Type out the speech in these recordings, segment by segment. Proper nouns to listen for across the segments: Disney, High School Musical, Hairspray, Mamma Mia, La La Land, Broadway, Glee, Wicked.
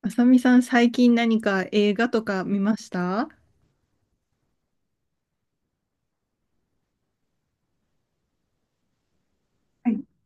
あさみさん、最近何か映画とか見ましたはい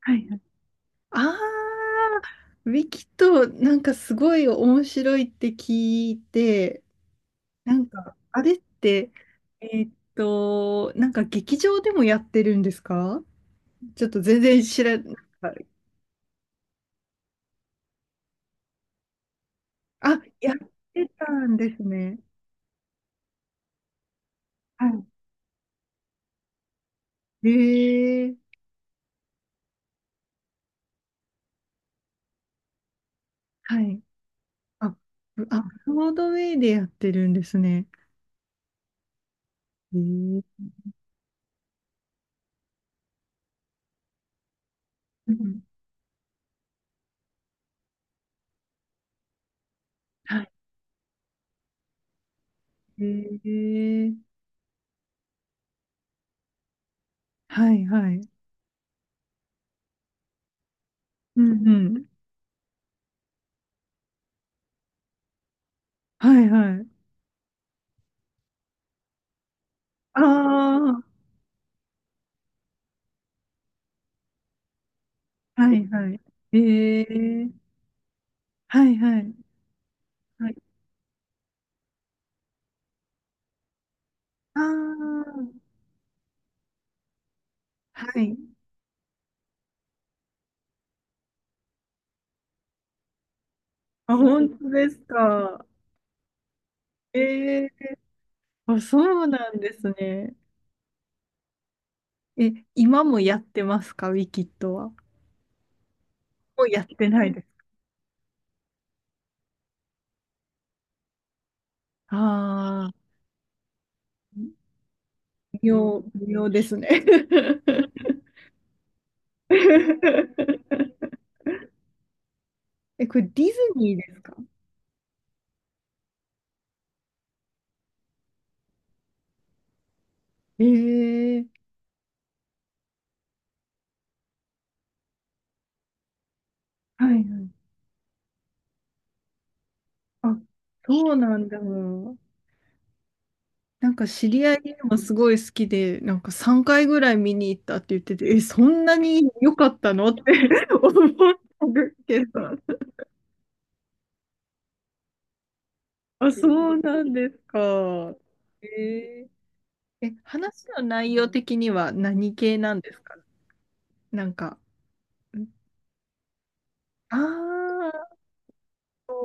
はいはい。あー、ウィキとなんかすごい面白いって聞いて、なんか、あれって、なんか劇場でもやってるんですか？ちょっと全然知らない。あ、やってたんですね。はい。へえ、はい。あ、ブロードウェイでやってるんですね。へえ、うん、はい。へえ、はい、はい。うんうん。はいはい。ああ、はいはい。ええ、はいはい。はい。ああ、はい。あ、本当ですか？ええ、あ、そうなんですね。え、今もやってますか、ウィキッドは？もうやってないです。ああ、微妙、微妙ですね。え、これディズニーですか？ええ、はいはい。あ、そうなんだ。なんか知り合いもすごい好きで、なんか3回ぐらい見に行ったって言ってて、え、そんなに良かったのって 思ったんですけど。あ、そうなんですか。えー、え、話の内容的には何系なんですか？なんか、ああー、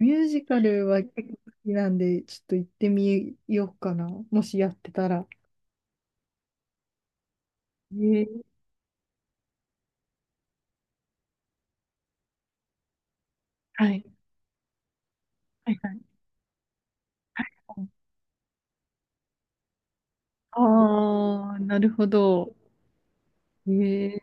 ミュージカルは結構好きなんで、ちょっと行ってみようかな。もしやってたら。えー、はい。はいはい。ああー、なるほど。へえ、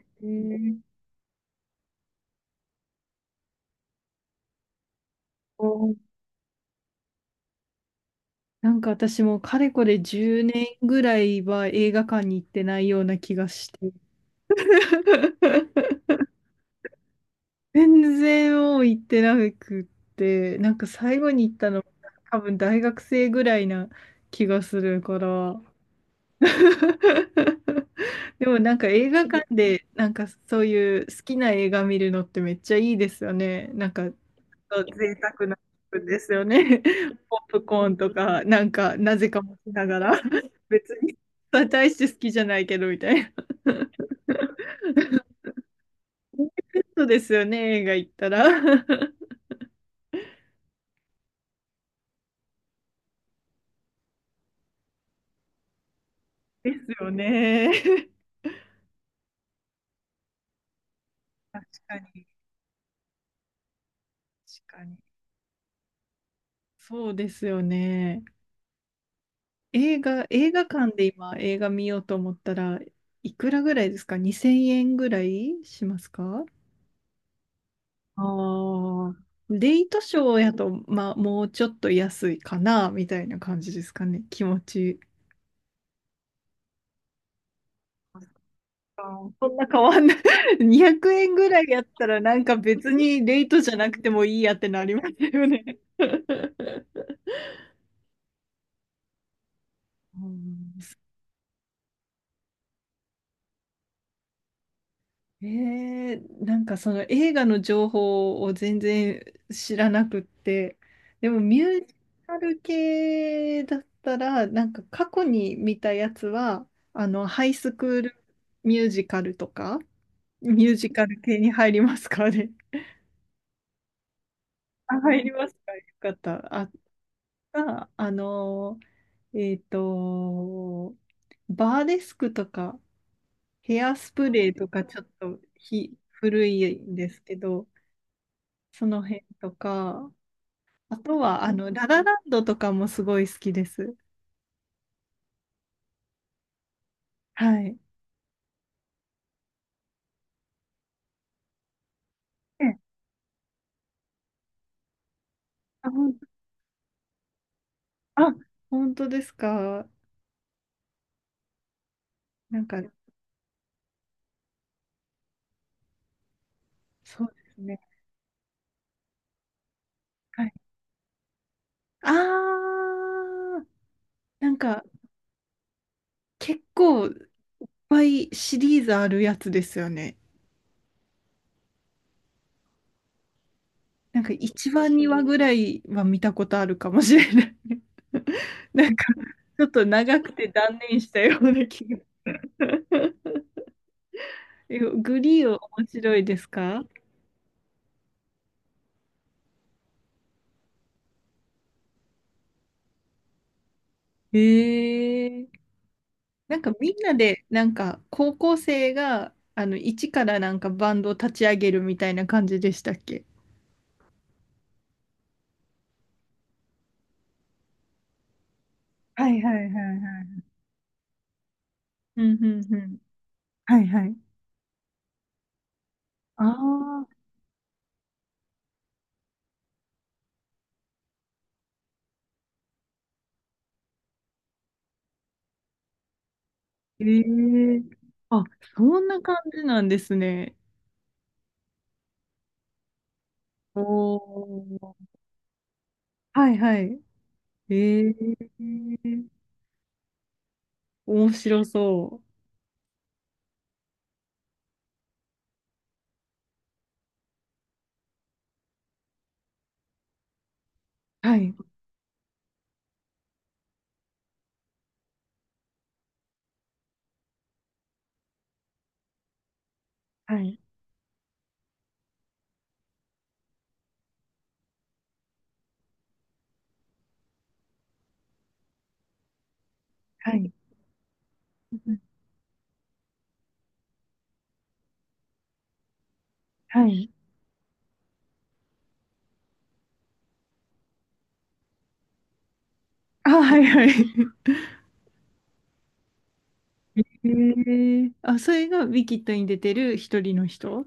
なんか私もかれこれ10年ぐらいは映画館に行ってないような気がして。全然もう行ってなくって、なんか最後に行ったの多分大学生ぐらいな気がするから。でもなんか映画館でなんかそういう好きな映画見るのってめっちゃいいですよね。なんかと贅沢な気分ですよね。ポップコーンとか、なんか、なぜか持ちながら、別に、大して好きじゃないけど、みたいな。そうですよね、映画行ったら。ですよね。確かに、確かに。そうですよね。映画館で今、映画見ようと思ったらいくらぐらいですか？ 2000 円ぐらいしますか？ああ、レイトショーやと、まあ、もうちょっと安いかな、みたいな感じですかね、気持ち。あー、そんな変わんない。200円ぐらいやったら、なんか別にレイトじゃなくてもいいやってなりますよね。うん、えー、なんかその映画の情報を全然知らなくって、でもミュージカル系だったら、なんか過去に見たやつは、あの、ハイスクールミュージカルとか、ミュージカル系に入りますかね。あ、入りますか。よかった。あ、あ、ーえっと、バーデスクとか、ヘアスプレーとか、ちょっと古いんですけど、その辺とか、あとは、あの、ララランドとかもすごい好きです。はい。え、あ、あ、本当ですか？なんか、そうですね。はい。あー、なんか、結構、いっぱいシリーズあるやつですよね。なんか、一話、2話ぐらいは見たことあるかもしれない。なんか、ちょっと長くて断念したような気が。え、グリーンは面白いですか？ええ、なんかみんなで、なんか高校生が、あの、一からなんかバンドを立ち上げるみたいな感じでしたっけ？はいはいはいはい。うんうんうん。はいはい。ああ、ええ、あ、そんな感じなんですね。おお。はいはい。ええ、面白そう。はい。はいはい はい。あ、はいはい。ええ、あ、それがウィキッドに出てる一人の人？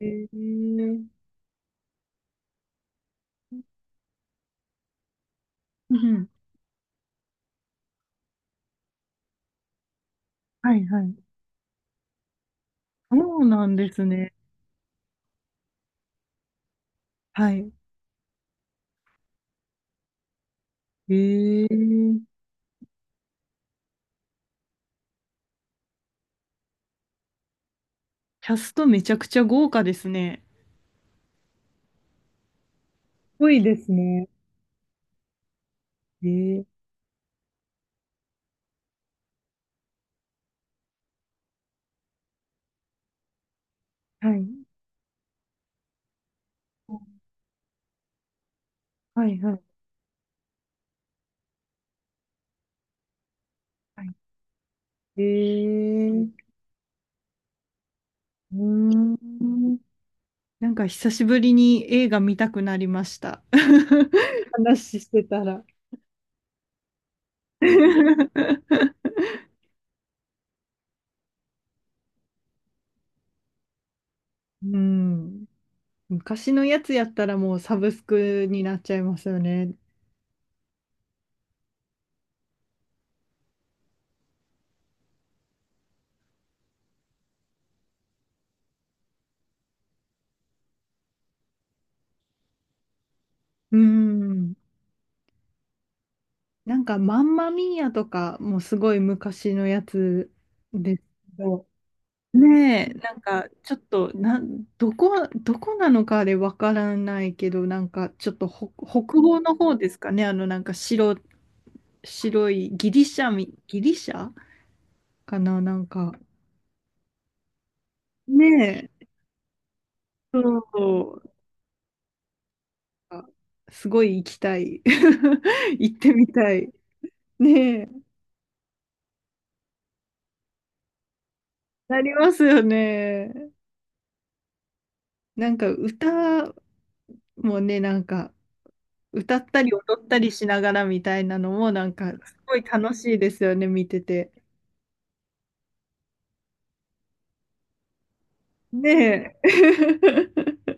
ええ、うんうん。はいはい。そうなんですね。はい。ええ、キャストめちゃくちゃ豪華ですね。すごいですね。ええ、はい。はいはいはい。ええ、うーん。なんか久しぶりに映画見たくなりました。話してたら。うん。昔のやつやったらもうサブスクになっちゃいますよね。うん。なんか、マンマミーアとかもすごい昔のやつですけど、ねえ、なんか、ちょっと、な、どこなのかでわからないけど、なんか、ちょっと北欧の方ですかね、あの、なんか白いギリシャかな、なんか、ねえ、そう、あ、すごい行きたい。行ってみたい。ねえ、なりますよね。なんか、歌もね、なんか、歌ったり踊ったりしながらみたいなのもなんかすごい楽しいですよね、見てて。ねえ。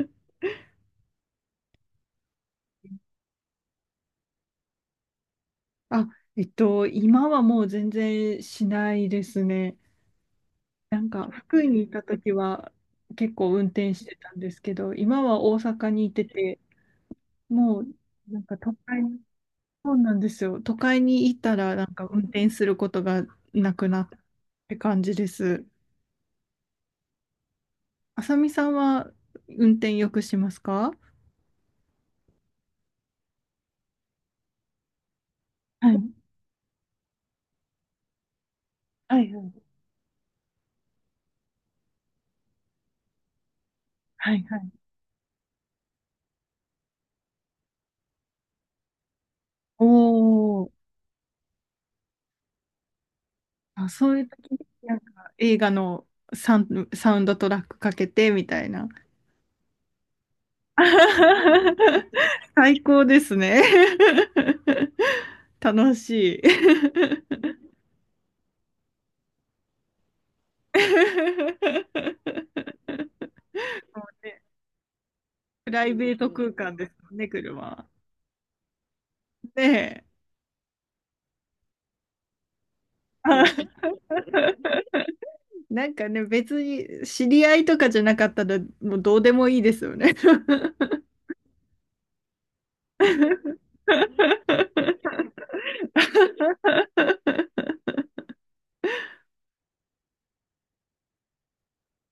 あ、今はもう全然しないですね。なんか福井にいた時は結構運転してたんですけど、今は大阪にいてて、もうなんか都会に、そうなんですよ。都会に行ったらなんか運転することがなくなって感じです。あさみさんは運転よくしますか？はい。はいはいはいはい。おー。あ、そういう時になんか映画のサウンドトラックかけてみたいな。最高ですね。楽しい。プライベート空間ですもんね、車は。ねえ。なんかね、別に知り合いとかじゃなかったら、もうどうでもいいですよね。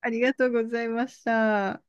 ありがとうございました。